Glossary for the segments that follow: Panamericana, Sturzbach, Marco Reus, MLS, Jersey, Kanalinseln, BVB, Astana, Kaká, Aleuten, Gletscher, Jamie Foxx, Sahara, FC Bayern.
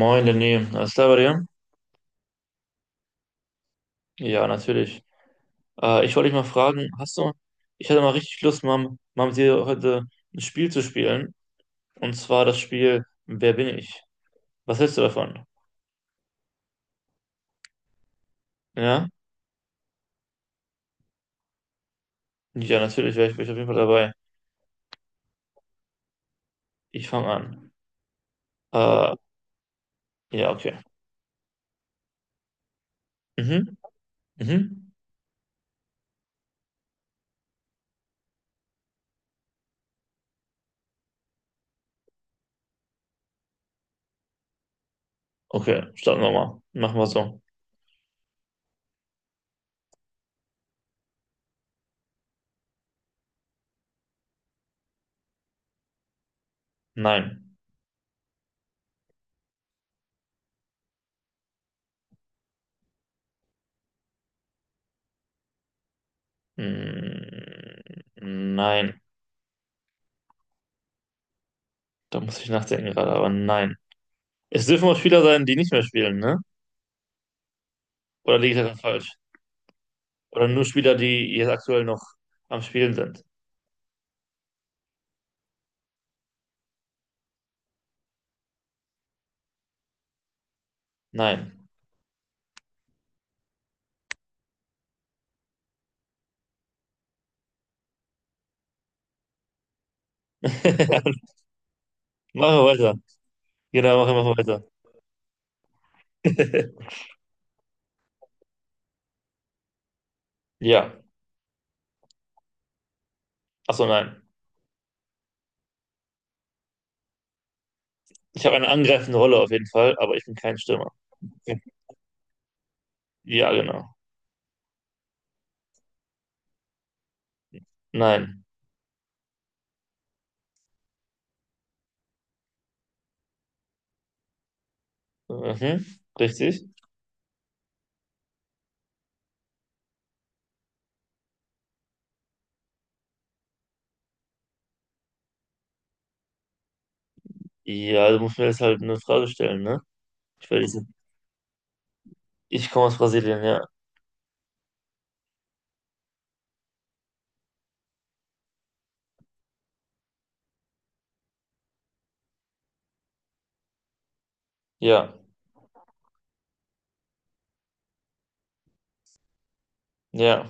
Moin, Lenny. Alles klar bei dir? Ja, natürlich. Ich wollte dich mal fragen, hast du, ich hatte mal richtig Lust, mal mit dir heute ein Spiel zu spielen. Und zwar das Spiel Wer bin ich? Was hältst du davon? Ja? Ja, natürlich, wär ich auf jeden Fall dabei. Ich fange an. Äh, ja, okay. Mhm, mhm. Okay, starten wir mal. Machen wir so. Nein. Mm, nein. Da muss ich nachdenken gerade, aber nein. Es dürfen auch Spieler sein, die nicht mehr spielen, ne? Oder liege ich daran falsch? Oder nur Spieler, die jetzt aktuell noch am Spielen sind? Nein. Machen wir weiter. Genau, machen wir weiter. Ja. Achso, nein. Ich habe eine angreifende Rolle auf jeden Fall, aber ich bin kein Stürmer. Ja, genau. Nein. Mhm. Richtig? Ja, du musst mir jetzt halt eine Frage stellen, ne? Ich werde diese. Ich komme aus Brasilien, ja. Ja. Ja.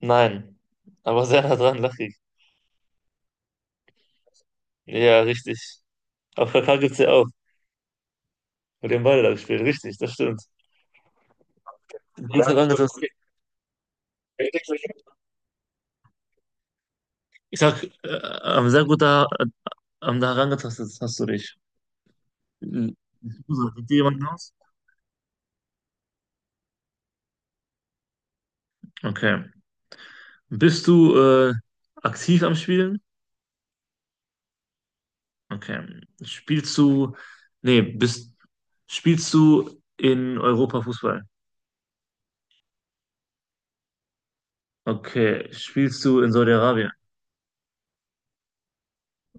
Nein. Aber sehr nah dran, lachig. Ja, richtig. Auf Kaká gibt's ja auch. Mit dem Ball da gespielt. Richtig, das stimmt. Gut. Ich sag, sehr gut da, da herangetastet hast du dich. Mhm. Sieht dir jemand aus? Okay. Bist du aktiv am Spielen? Okay. Nee, bist, Spielst du in Europa Fußball? Okay. Spielst du in Saudi-Arabien?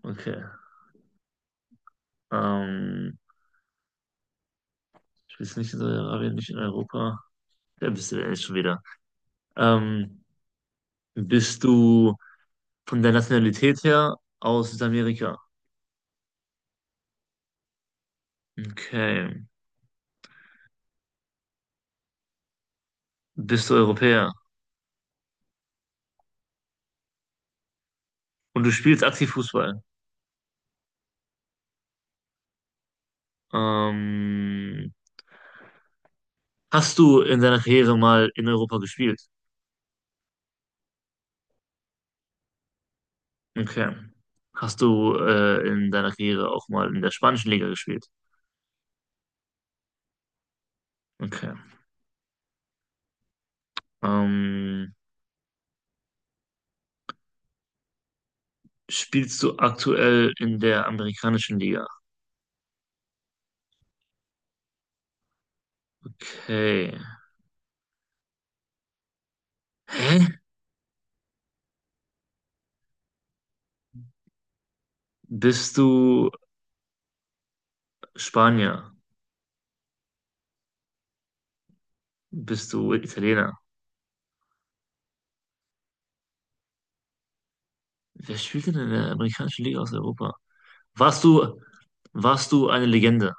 Okay. Ähm, Spielst du nicht in Saudi-Arabien, nicht in Europa? Wer bist du denn jetzt schon wieder? Ähm, Bist du von der Nationalität her aus Südamerika? Okay. Bist du Europäer und du spielst aktiv Fußball. Ähm, Hast du in deiner Karriere mal in Europa gespielt? Okay. Hast du in deiner Karriere auch mal in der spanischen Liga gespielt? Okay. Ähm, Spielst du aktuell in der amerikanischen Liga? Okay. Hä? Bist du Spanier? Bist du Italiener? Wer spielt denn in der amerikanischen Liga aus Europa? Warst du, warst du eine Legende?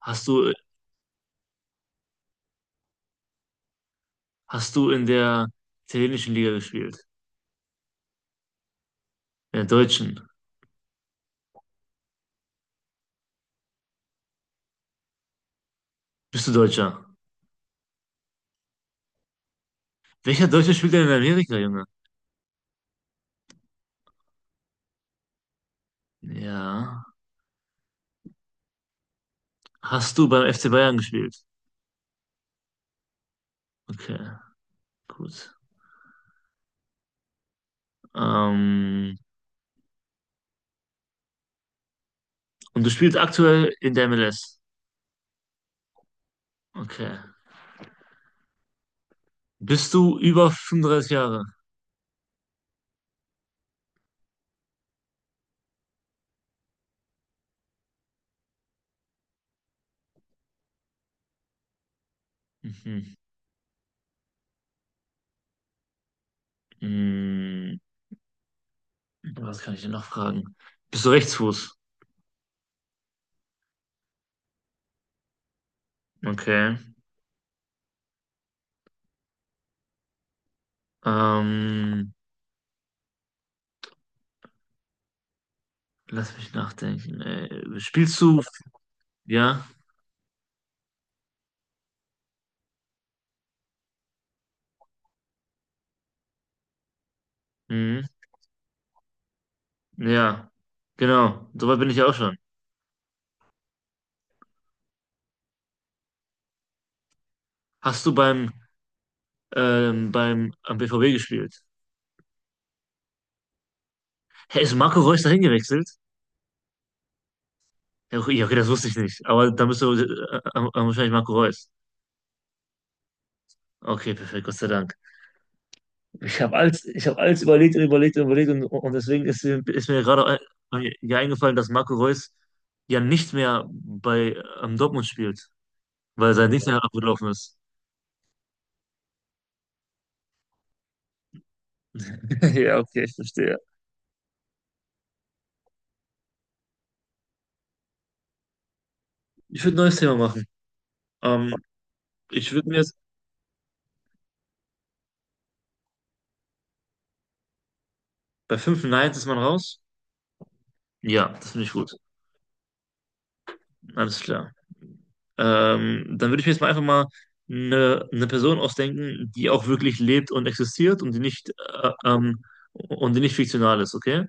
Hast du Hast du in der italienischen Liga gespielt? In der deutschen? Bist du Deutscher? Welcher Deutsche spielt denn in Amerika, Junge? Ja. Hast du beim FC Bayern gespielt? Okay, gut. Ähm, und du spielst aktuell in der MLS? Okay. Bist du über 35 Jahre? Mhm. Hm, was kann ich denn noch fragen? Bist du Rechtsfuß? Okay. Ähm, Lass mich nachdenken. Spielst du? Ja. Mhm. Ja, genau. Soweit bin ich ja auch schon. Hast du beim, beim am BVB gespielt? Hä, ist Marco Reus dahin gewechselt? Ja, okay, ja, okay, das wusste ich nicht. Aber dann bist du wahrscheinlich Marco Reus. Okay, perfekt, Gott sei Dank. Ich habe alles überlegt und überlegt und überlegt und deswegen ist mir gerade ein, ja eingefallen, dass Marco Reus ja nicht mehr bei Dortmund spielt, weil sein Dienstag abgelaufen ist. Ja, okay, ich verstehe. Ich würde ein neues Thema machen. Ähm, ich würde mir jetzt, bei 5 Nines ist man raus. Ja, das finde ich gut. Alles klar. Dann würde ich mir jetzt mal einfach mal eine Person ausdenken, die auch wirklich lebt und existiert und die nicht fiktional ist, okay?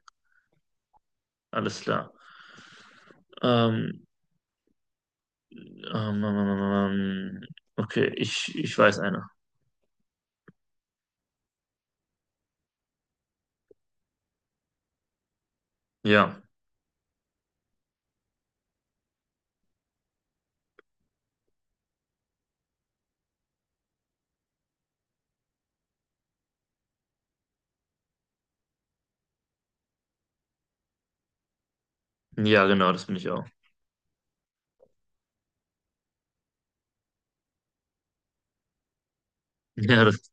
Alles klar. Ähm, ähm, ähm, ähm, ähm, ähm, okay, ich weiß eine. Ja. Ja, genau, das bin ich auch. Ja, das,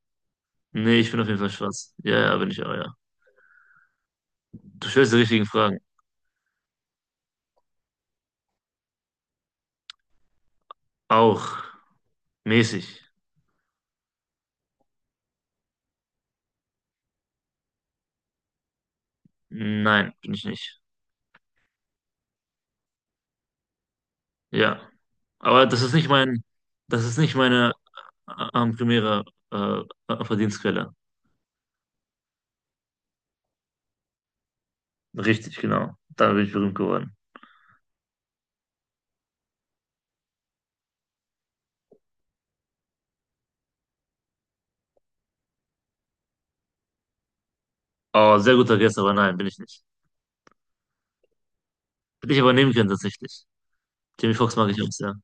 ich bin auf jeden Fall schwarz. Ja, bin ich auch, ja. Du stellst die richtigen Fragen. Auch mäßig. Nein, bin ich nicht. Ja. Aber das ist nicht meine am primäre äh, Verdienstquelle. Richtig, genau. Damit bin ich berühmt geworden. Oh, sehr guter Guess, aber nein, bin ich nicht. Hätte ich aber nehmen können, tatsächlich. Jamie Foxx mag ich auch sehr.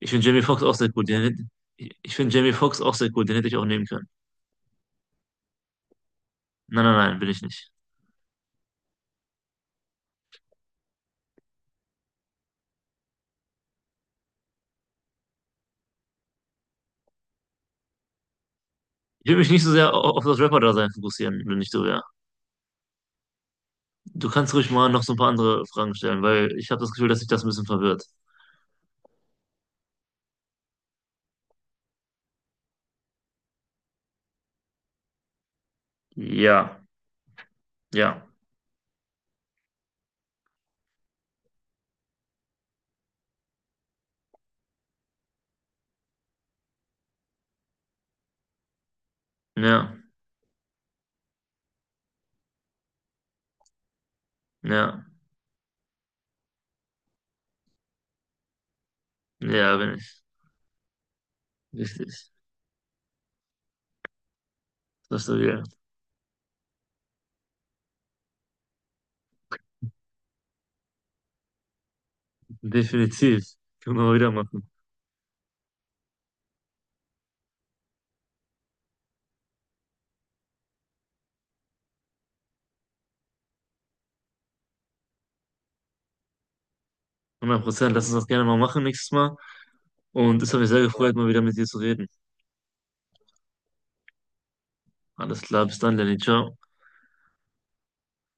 Ich finde Jamie Foxx auch sehr gut. Den, hätte- Ich finde Jamie Foxx auch sehr gut. Den hätte ich auch nehmen können. Nein, nein, nein, bin ich nicht. Ich will mich nicht so sehr auf das Rapper-Dasein fokussieren, wenn ich so wäre. Du kannst ruhig mal noch so ein paar andere Fragen stellen, weil ich habe das Gefühl, dass sich das ein bisschen verwirrt. Ja, ja, ja, ja, ja, bin ich. Richtig. Das ist stabil. Definitiv. Können wir mal wieder machen. 100%. Lass uns das gerne mal machen nächstes Mal. Und es hat mich sehr gefreut, mal wieder mit dir zu reden. Alles klar, bis dann, Lenny. Ciao.